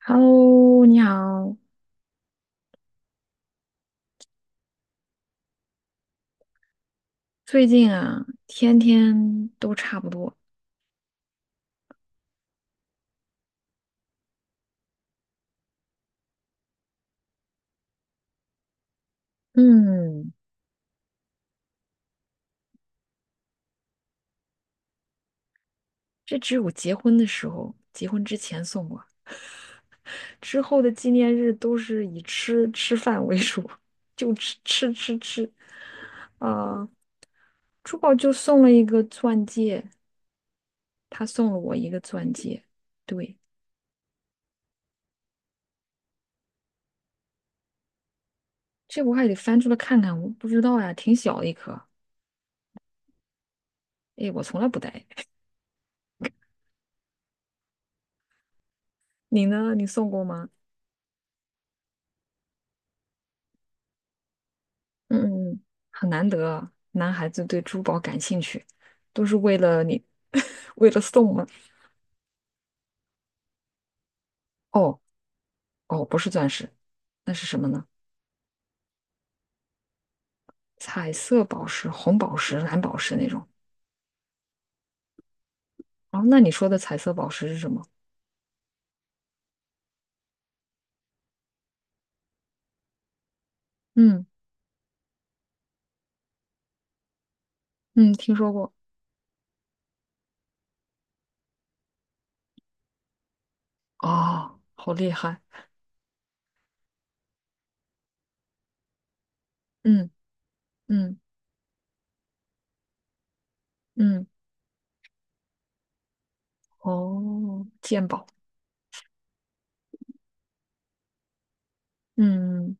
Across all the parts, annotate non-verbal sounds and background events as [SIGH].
Hello，你好。最近啊，天天都差不多。嗯，这只有结婚的时候，结婚之前送过，之后的纪念日都是以吃吃饭为主，[LAUGHS] 就吃吃吃吃。啊、珠宝就送了一个钻戒，他送了我一个钻戒。对，这我还得翻出来看看，我不知道呀，挺小的一颗。哎，我从来不戴。你呢？你送过吗？嗯嗯，很难得啊，男孩子对珠宝感兴趣，都是为了你，[LAUGHS] 为了送吗？哦哦，不是钻石，那是什么呢？彩色宝石、红宝石、蓝宝石那种。哦，那你说的彩色宝石是什么？嗯嗯，听说过。哦，好厉害。嗯嗯嗯，哦，鉴宝。嗯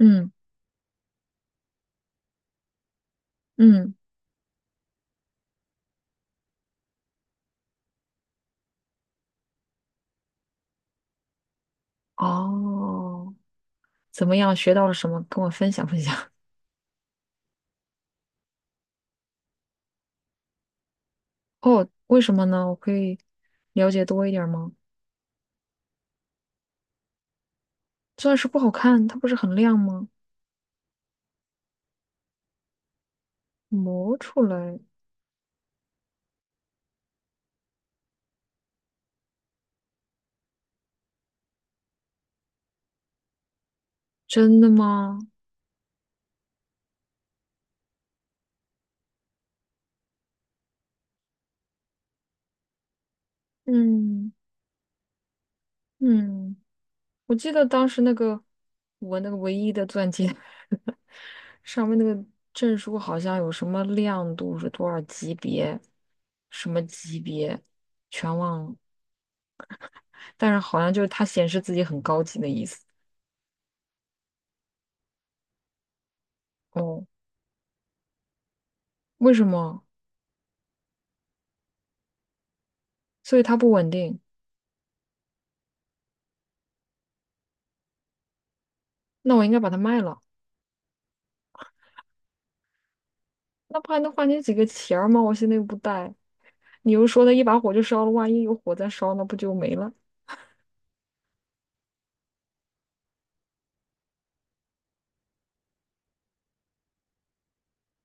嗯嗯，哦，怎么样？学到了什么？跟我分享分享。[LAUGHS] 哦，为什么呢？我可以了解多一点儿吗？钻石不好看，它不是很亮吗？磨出来，真的吗？嗯嗯，我记得当时那个我那个唯一的钻戒 [LAUGHS] 上面那个证书好像有什么亮度是多少级别，什么级别，全忘了。但是好像就是它显示自己很高级的意思。哦，为什么？所以它不稳定。那我应该把它卖了。那不还能换你几个钱儿吗？我现在又不带，你又说那一把火就烧了，万一有火再烧，那不就没了？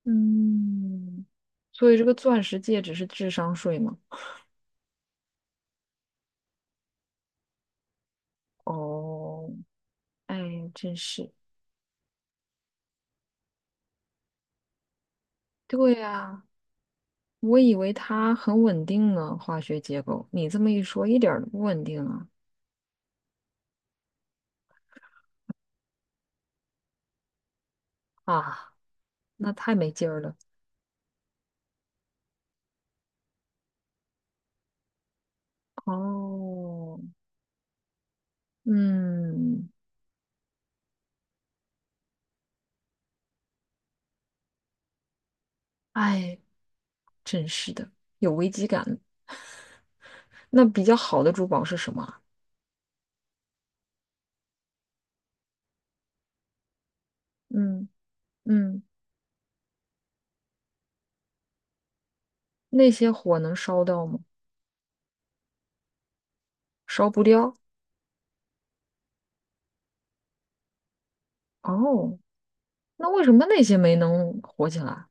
嗯，所以这个钻石戒指是智商税吗？哦，哎，真是。对呀，我以为它很稳定呢，化学结构。你这么一说，一点儿都不稳定啊！啊，那太没劲儿了。哦，嗯，哎，真是的，有危机感。[LAUGHS] 那比较好的珠宝是什么？嗯嗯，那些火能烧到吗？烧不掉。哦，那为什么那些没能火起来？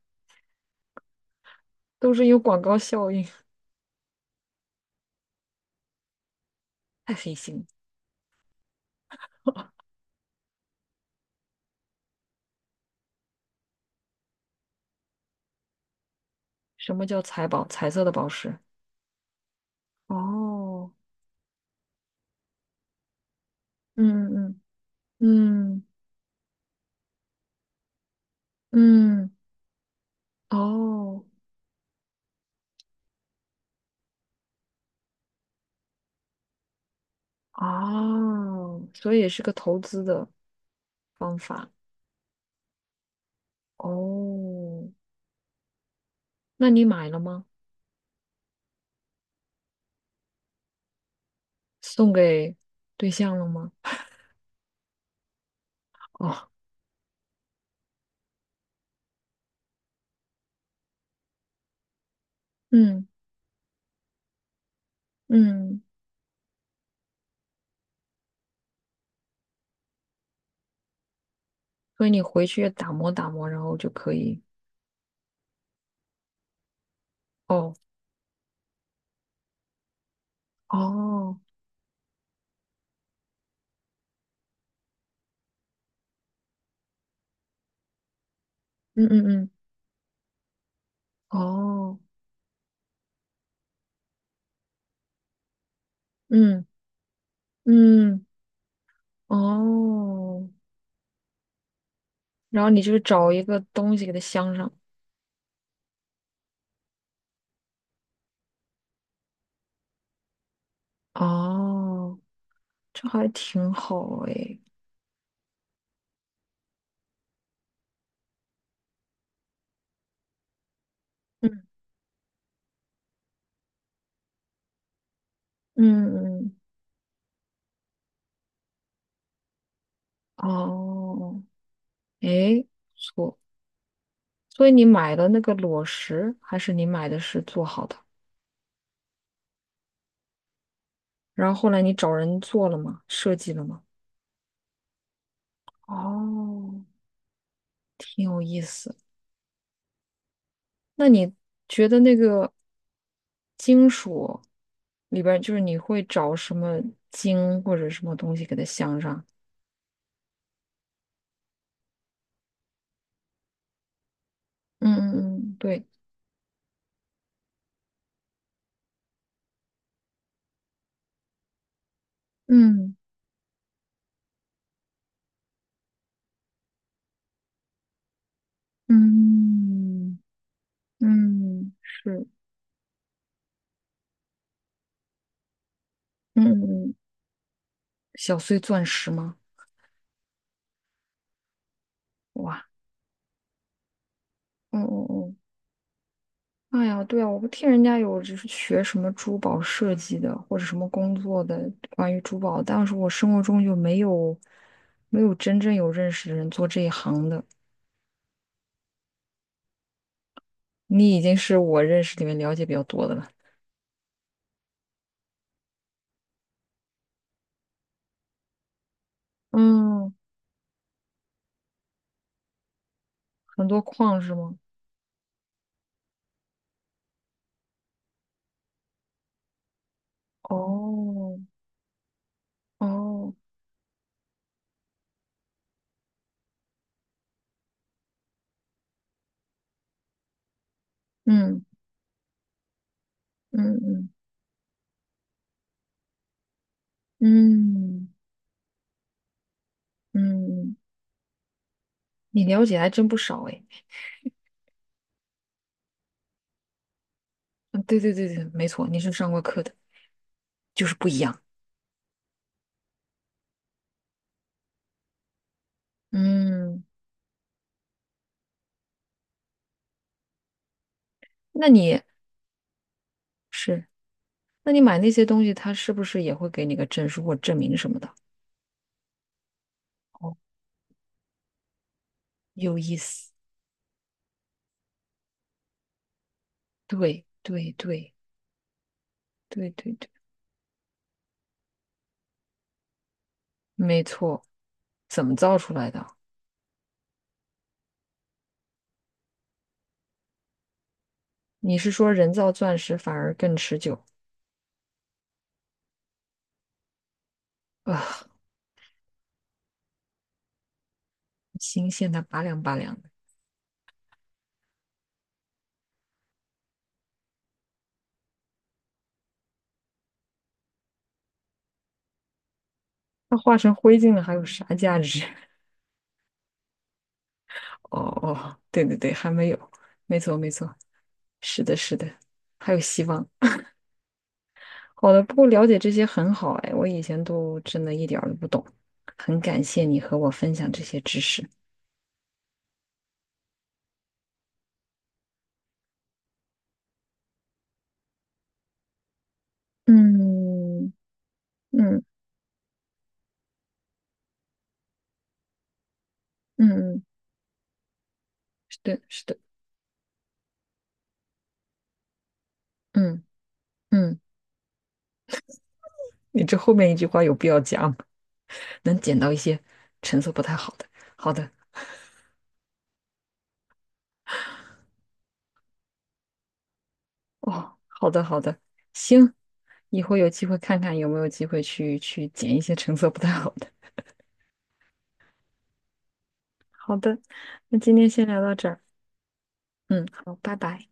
都是有广告效应，[LAUGHS] 太黑心了。什么叫彩宝？彩色的宝石。哦，嗯嗯嗯嗯，哦哦，所以也是个投资的方法。哦，那你买了吗？送给对象了吗？哦，嗯嗯，所以你回去打磨打磨，然后就可以。哦。哦，嗯嗯嗯，哦，嗯嗯，哦，然后你就是找一个东西给它镶上，哦，这还挺好诶，嗯嗯嗯，哦，诶，不错，所以你买的那个裸石，还是你买的是做好的？然后后来你找人做了吗？设计了吗？哦，挺有意思。那你觉得那个金属里边，就是你会找什么金或者什么东西给它镶上？嗯嗯嗯，对，嗯嗯嗯，是，嗯嗯，小碎钻石吗？哇，嗯嗯嗯，哎呀，对啊，我不听人家有就是学什么珠宝设计的或者什么工作的关于珠宝，但是我生活中就没有没有真正有认识的人做这一行的。你已经是我认识里面了解比较多的了。嗯，很多矿是吗？哦哦，嗯嗯嗯嗯嗯，你了解还真不少哎。嗯，对对对对，没错，你是上过课的，就是不一样。嗯，那你是，那你买那些东西，他是不是也会给你个证书或证明什么的？哦，有意思。对对对对对对，没错。怎么造出来的？你是说人造钻石反而更持久？啊，新鲜的拔凉拔凉的，它化成灰烬了，还有啥价值？[LAUGHS] 哦哦，对对对，还没有，没错没错，是的，是的，还有希望。好的，不过了解这些很好哎，我以前都真的一点儿都不懂，很感谢你和我分享这些知识。嗯嗯嗯，是的，是的，嗯嗯，你这后面一句话有必要讲，能捡到一些成色不太好的。好的，哦，好的好的，行，以后有机会看看有没有机会去去捡一些成色不太好的。好的，那今天先聊到这儿，嗯，好，拜拜。